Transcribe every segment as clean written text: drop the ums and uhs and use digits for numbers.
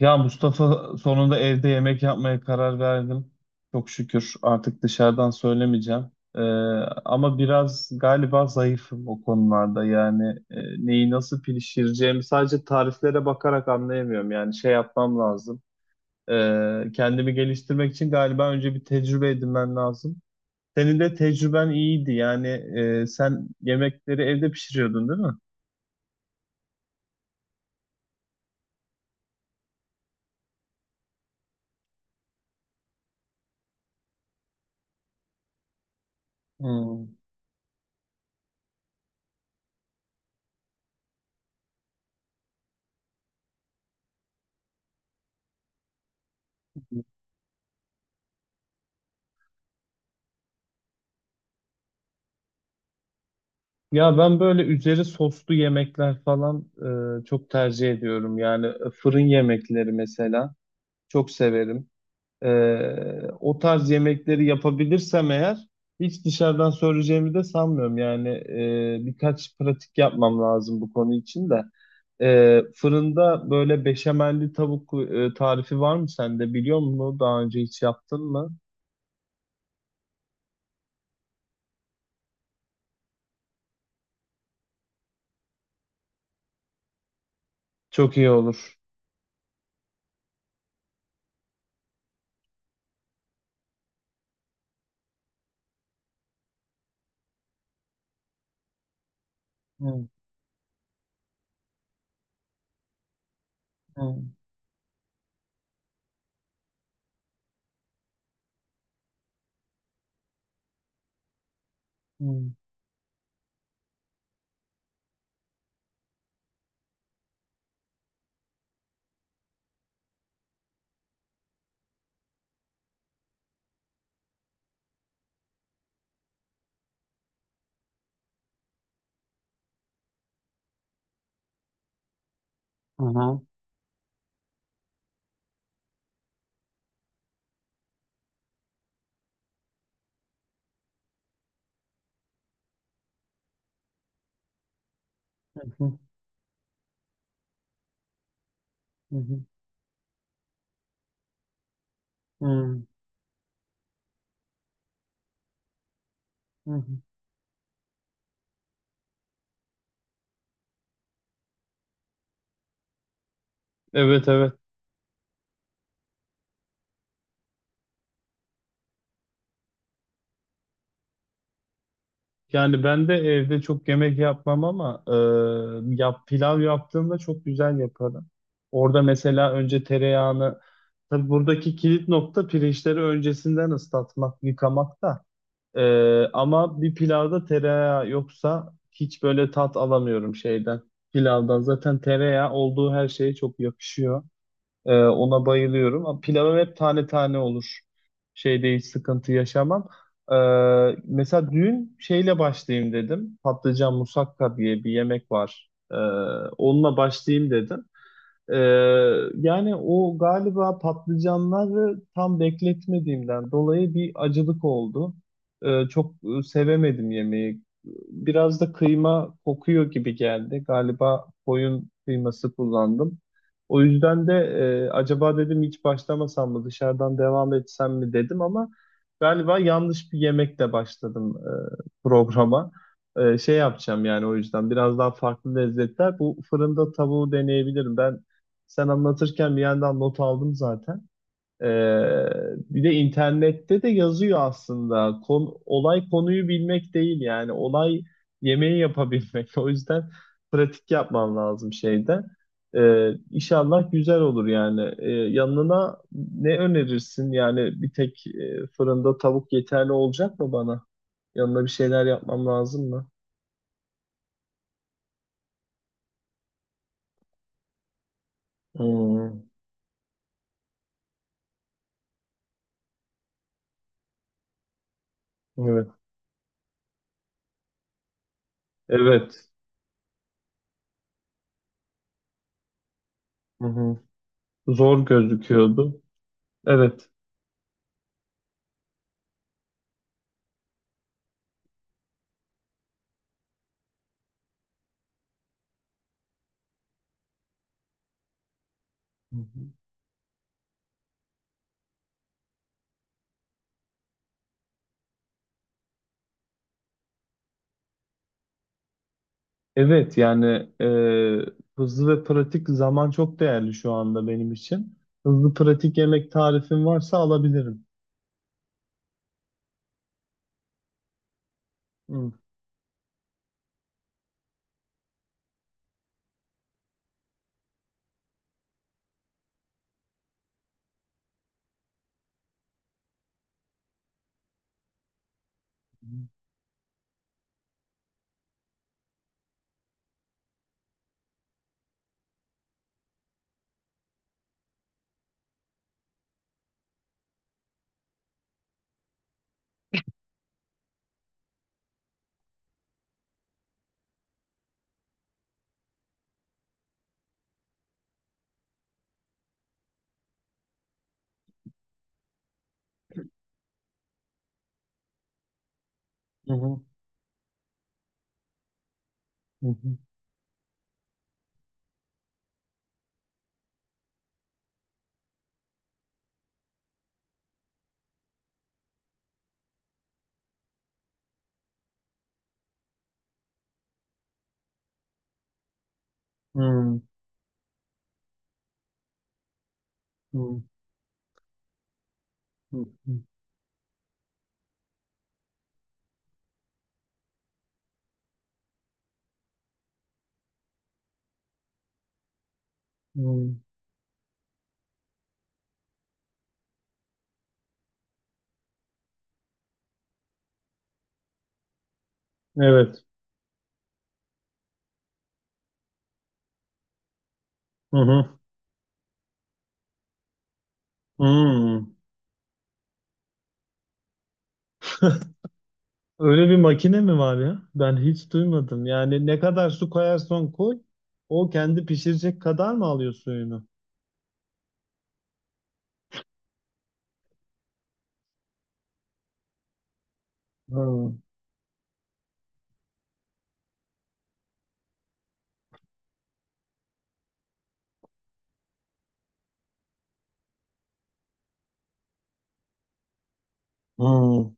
Ya Mustafa sonunda evde yemek yapmaya karar verdim. Çok şükür artık dışarıdan söylemeyeceğim. Ee, Ama biraz galiba zayıfım o konularda. Yani neyi nasıl pişireceğimi sadece tariflere bakarak anlayamıyorum. Yani şey yapmam lazım. Kendimi geliştirmek için galiba önce bir tecrübe edinmen lazım. Senin de tecrüben iyiydi. Yani sen yemekleri evde pişiriyordun, değil mi? Hmm. Ya ben böyle üzeri soslu yemekler falan çok tercih ediyorum. Yani fırın yemekleri mesela çok severim. E, O tarz yemekleri yapabilirsem eğer hiç dışarıdan söyleyeceğimi de sanmıyorum. Yani birkaç pratik yapmam lazım bu konu için de. Fırında böyle beşamelli tavuk tarifi var mı sende biliyor musun? Daha önce hiç yaptın mı? Çok iyi olur. Hı hı hı. Aha. Hı hı hı hı. Hı hı. Evet evet. Yani ben de evde çok yemek yapmam ama pilav yaptığımda çok güzel yaparım. Orada mesela önce tereyağını tabii buradaki kilit nokta pirinçleri öncesinden ıslatmak, yıkamak da. Ama bir pilavda tereyağı yoksa hiç böyle tat alamıyorum şeyden. Pilavdan zaten tereyağı olduğu her şeye çok yakışıyor. Ona bayılıyorum. Ama pilavım hep tane tane olur. Şeyde hiç sıkıntı yaşamam. Ee, Mesela dün şeyle başlayayım dedim. Patlıcan musakka diye bir yemek var. Onunla başlayayım dedim. Ee, Yani o galiba patlıcanları tam bekletmediğimden dolayı bir acılık oldu. Çok sevemedim yemeği. Biraz da kıyma kokuyor gibi geldi. Galiba koyun kıyması kullandım. O yüzden de acaba dedim hiç başlamasam mı dışarıdan devam etsem mi dedim ama galiba yanlış bir yemekle başladım programa. Şey yapacağım yani o yüzden biraz daha farklı lezzetler. Bu fırında tavuğu deneyebilirim. Ben sen anlatırken bir yandan not aldım zaten. Ee, Bir de internette de yazıyor aslında. Olay konuyu bilmek değil yani. Olay yemeği yapabilmek. O yüzden pratik yapman lazım şeyde. İnşallah güzel olur yani. Yanına ne önerirsin? Yani bir tek fırında tavuk yeterli olacak mı bana? Yanına bir şeyler yapmam lazım mı? Hmm, evet. Evet. Hı hı. Zor gözüküyordu. Evet. Hı hı. Evet yani hızlı ve pratik zaman çok değerli şu anda benim için. Hızlı pratik yemek tarifin varsa alabilirim. Hı hı hı hı hı hı hı hı. Evet. Hı hı. Hı. Öyle bir makine mi var ya? Ben hiç duymadım. Yani ne kadar su koyarsan koy, o kendi pişirecek kadar mı alıyor suyunu? Hı hı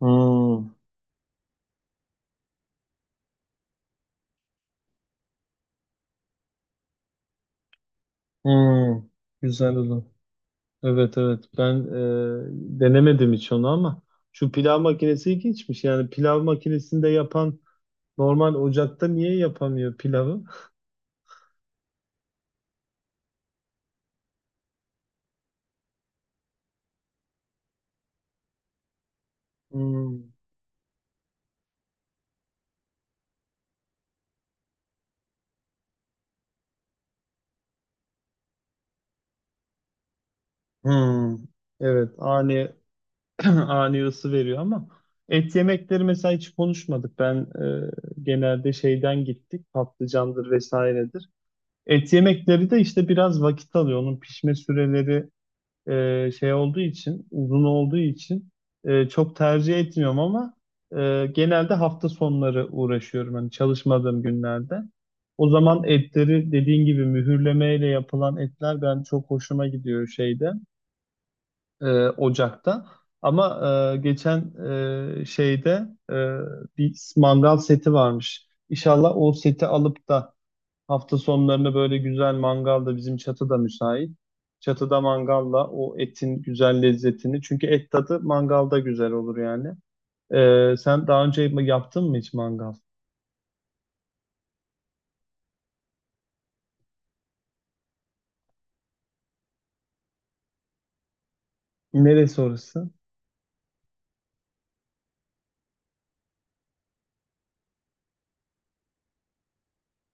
hı hı. Güzel olur. Evet evet ben denemedim hiç onu ama Şu pilav makinesi ilginçmiş. Yani pilav makinesinde yapan normal ocakta niye yapamıyor pilavı? Hmm. Hmm. Evet ani ısı veriyor ama et yemekleri mesela hiç konuşmadık. Ben e, genelde şeyden gittik patlıcandır vesairedir. Et yemekleri de işte biraz vakit alıyor. Onun pişme süreleri şey olduğu için, uzun olduğu için çok tercih etmiyorum ama genelde hafta sonları uğraşıyorum hani çalışmadığım günlerde. O zaman etleri dediğin gibi mühürlemeyle yapılan etler ben çok hoşuma gidiyor şeyde, ocakta. Ama geçen şeyde bir mangal seti varmış. İnşallah o seti alıp da hafta sonlarını böyle güzel mangalda bizim çatıda müsait. Çatıda mangalla o etin güzel lezzetini. Çünkü et tadı mangalda güzel olur yani. Sen daha önce yaptın mı hiç mangal? Neresi orası?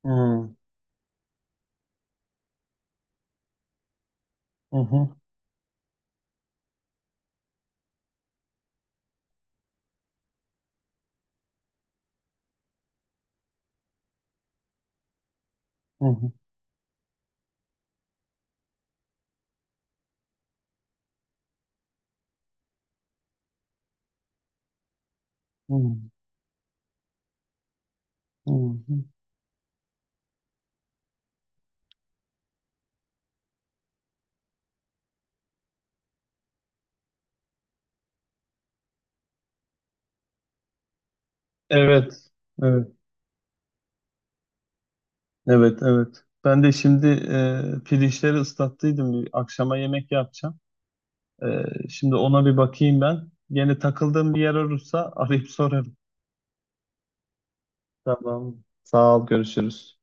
Hmm, Hı hı, hı hı, hı hı, hı. Hı. Evet, evet, evet, evet. Ben de şimdi pirinçleri ıslattıydım. Bir akşama yemek yapacağım. E, Şimdi ona bir bakayım ben. Yine takıldığım bir yer olursa arayıp sorarım. Tamam. Sağ ol, görüşürüz.